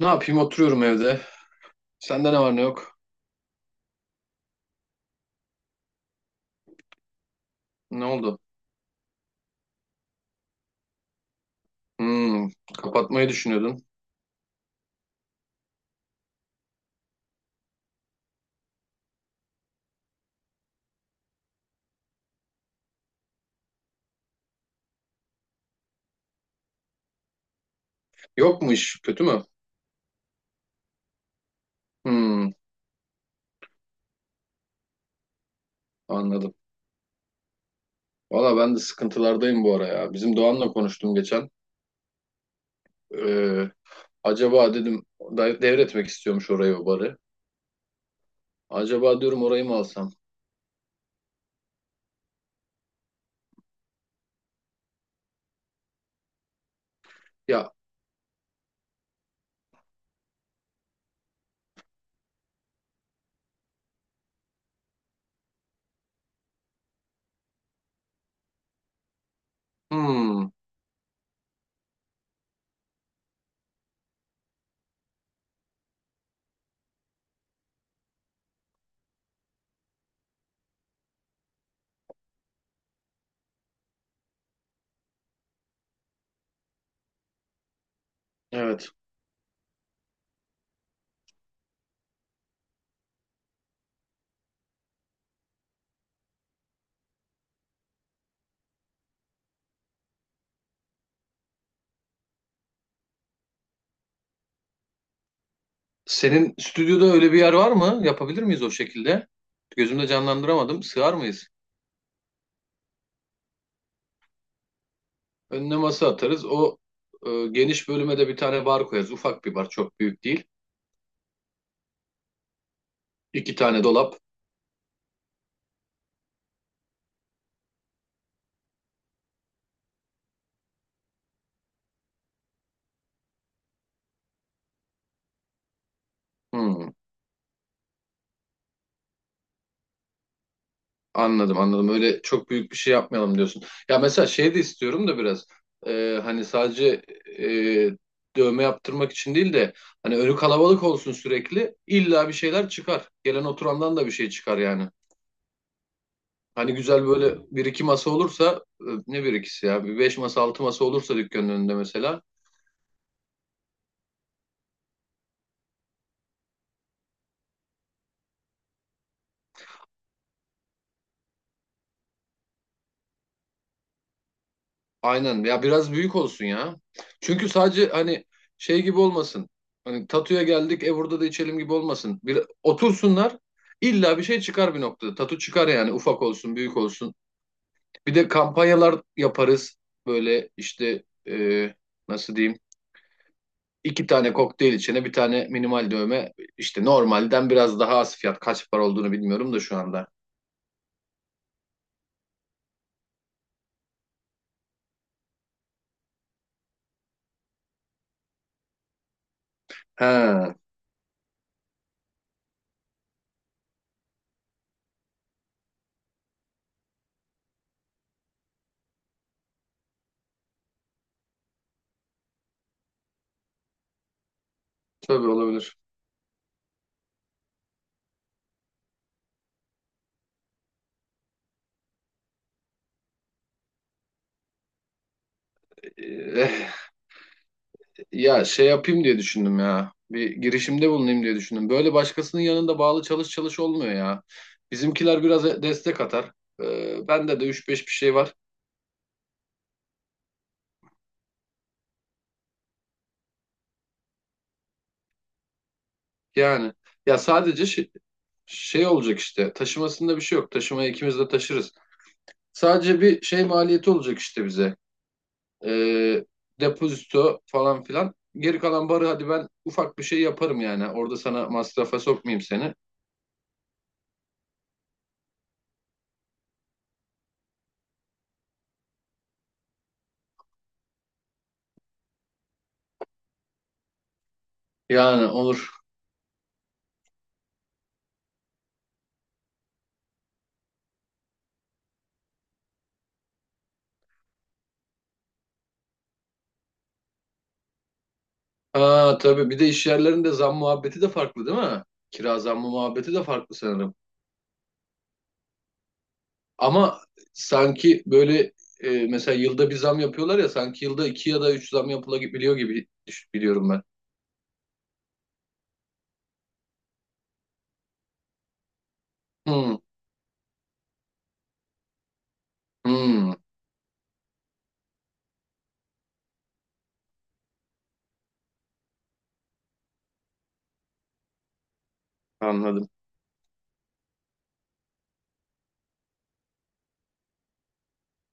Ne yapayım, oturuyorum evde. Sende ne var ne yok? Ne oldu? Hmm, Kapatmayı düşünüyordun. Yok mu iş? Kötü mü? Hmm, anladım. Valla ben de sıkıntılardayım bu ara ya. Bizim Doğan'la konuştum geçen. Ee, Acaba dedim, devretmek istiyormuş orayı, o barı. Acaba diyorum, orayı mı alsam? Ya, hmm, evet. Senin stüdyoda öyle bir yer var mı? Yapabilir miyiz o şekilde? Gözümde canlandıramadım. Sığar mıyız? Önüne masa atarız. O, geniş bölüme de bir tane bar koyarız. Ufak bir bar, çok büyük değil. İki tane dolap. Hmm, anladım anladım. Öyle çok büyük bir şey yapmayalım diyorsun. Ya mesela şey de istiyorum da biraz. Hani sadece dövme yaptırmak için değil de, hani önü kalabalık olsun sürekli. İlla bir şeyler çıkar. Gelen oturandan da bir şey çıkar yani. Hani güzel böyle bir iki masa olursa, ne bir ikisi ya, bir beş masa altı masa olursa dükkanın önünde mesela. Aynen ya, biraz büyük olsun ya. Çünkü sadece hani şey gibi olmasın. Hani tatuya geldik, burada da içelim gibi olmasın. Bir, otursunlar, illa bir şey çıkar bir noktada. Tatu çıkar yani, ufak olsun büyük olsun. Bir de kampanyalar yaparız. Böyle işte, e, nasıl diyeyim. İki tane kokteyl içene bir tane minimal dövme. İşte normalden biraz daha az fiyat. Kaç para olduğunu bilmiyorum da şu anda. He, tabii, olabilir. E, Ya, şey yapayım diye düşündüm ya. Bir girişimde bulunayım diye düşündüm. Böyle başkasının yanında bağlı çalış çalış olmuyor ya. Bizimkiler biraz destek atar. Bende de üç beş bir şey var. Yani ya, sadece şey olacak işte. Taşımasında bir şey yok. Taşımayı ikimiz de taşırız. Sadece bir şey maliyeti olacak işte bize. Ee, Depozito falan filan. Geri kalan barı, hadi ben ufak bir şey yaparım yani. Orada sana masrafa sokmayayım seni. Yani olur. Aa, tabii bir de iş yerlerinde zam muhabbeti de farklı değil mi? Kira zammı muhabbeti de farklı sanırım. Ama sanki böyle mesela yılda bir zam yapıyorlar ya, sanki yılda iki ya da üç zam yapılabiliyor gibi biliyorum ben. Hmm, hmm, anladım.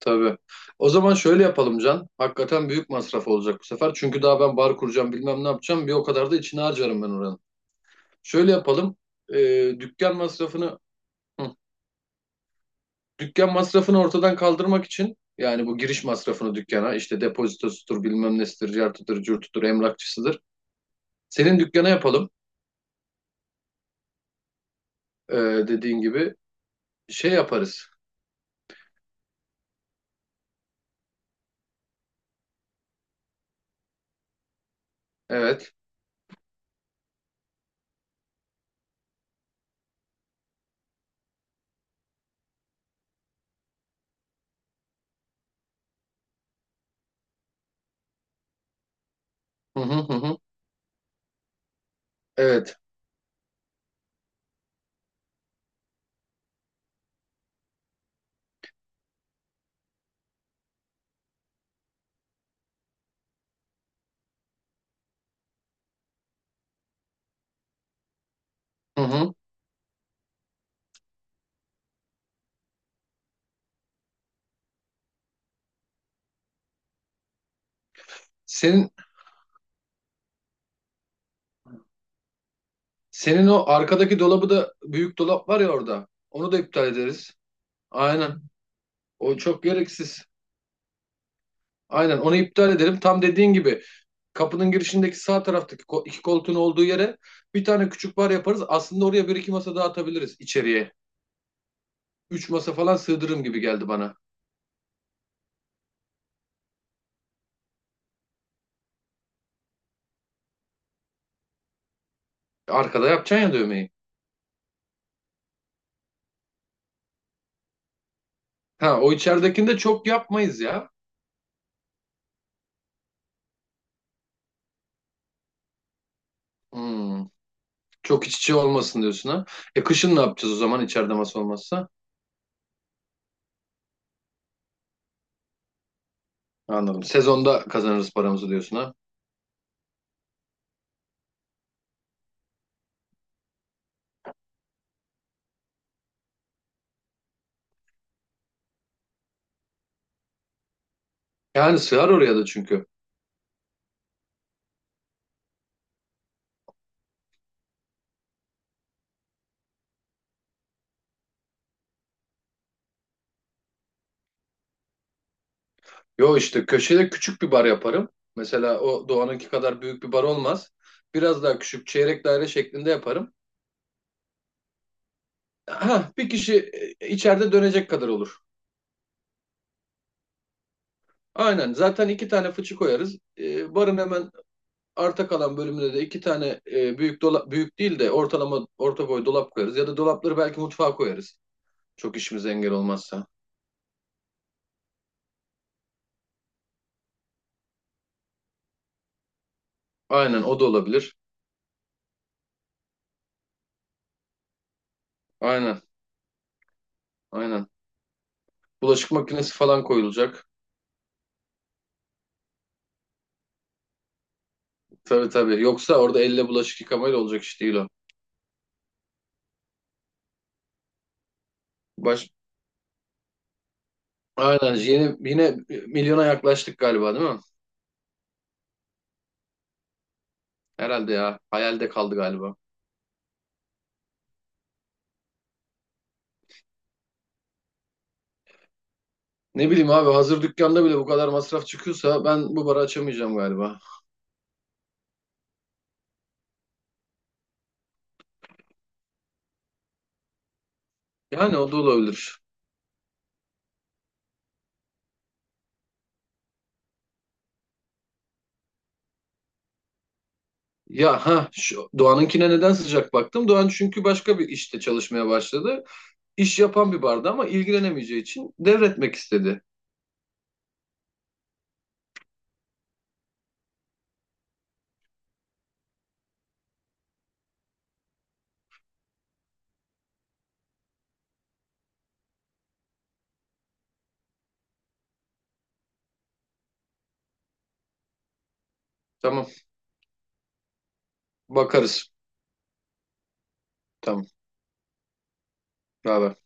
Tabii. O zaman şöyle yapalım Can. Hakikaten büyük masraf olacak bu sefer. Çünkü daha ben bar kuracağım, bilmem ne yapacağım. Bir o kadar da içine harcarım ben oranın. Şöyle yapalım. E, Dükkan masrafını... Hı. Dükkan masrafını ortadan kaldırmak için yani, bu giriş masrafını dükkana, işte depozitosudur, bilmem nesidir, cartıdır curtudur, emlakçısıdır. Senin dükkana yapalım. Ee, Dediğin gibi şey yaparız. Evet. Hı hı hı hı. Evet. Hı hı. Senin senin o arkadaki dolabı da, büyük dolap var ya orada. Onu da iptal ederiz. Aynen. O çok gereksiz. Aynen, onu iptal edelim. Tam dediğin gibi, kapının girişindeki sağ taraftaki iki koltuğun olduğu yere bir tane küçük bar yaparız. Aslında oraya bir iki masa daha atabiliriz içeriye. Üç masa falan sığdırırım gibi geldi bana. Arkada yapacaksın ya dövmeyi. Ha, o içeridekini de çok yapmayız ya. Hmm, Çok iç içe olmasın diyorsun ha. Kışın ne yapacağız o zaman, içeride masa olmazsa? Anladım. Sezonda kazanırız paramızı diyorsun ha. Yani sığar oraya da çünkü. Yo, işte köşede küçük bir bar yaparım. Mesela o Doğan'ınki kadar büyük bir bar olmaz. Biraz daha küçük, çeyrek daire şeklinde yaparım. Ha, bir kişi içeride dönecek kadar olur. Aynen, zaten iki tane fıçı koyarız. Barın hemen arta kalan bölümüne de iki tane büyük dolap, büyük değil de ortalama orta boy dolap koyarız. Ya da dolapları belki mutfağa koyarız. Çok işimize engel olmazsa. Aynen, o da olabilir. Aynen aynen. Bulaşık makinesi falan koyulacak. Tabii tabii. Yoksa orada elle bulaşık yıkamayla olacak iş değil o. Baş, Aynen, yine milyona yaklaştık galiba değil mi? Herhalde ya, hayalde kaldı galiba. Ne bileyim abi, hazır dükkanda bile bu kadar masraf çıkıyorsa, ben bu barı açamayacağım galiba. Yani o da olabilir. Ya ha, şu Doğan'ınkine neden sıcak baktım? Doğan çünkü başka bir işte çalışmaya başladı. İş yapan bir barda, ama ilgilenemeyeceği için devretmek istedi. Tamam, bakarız. Tamam. Haber?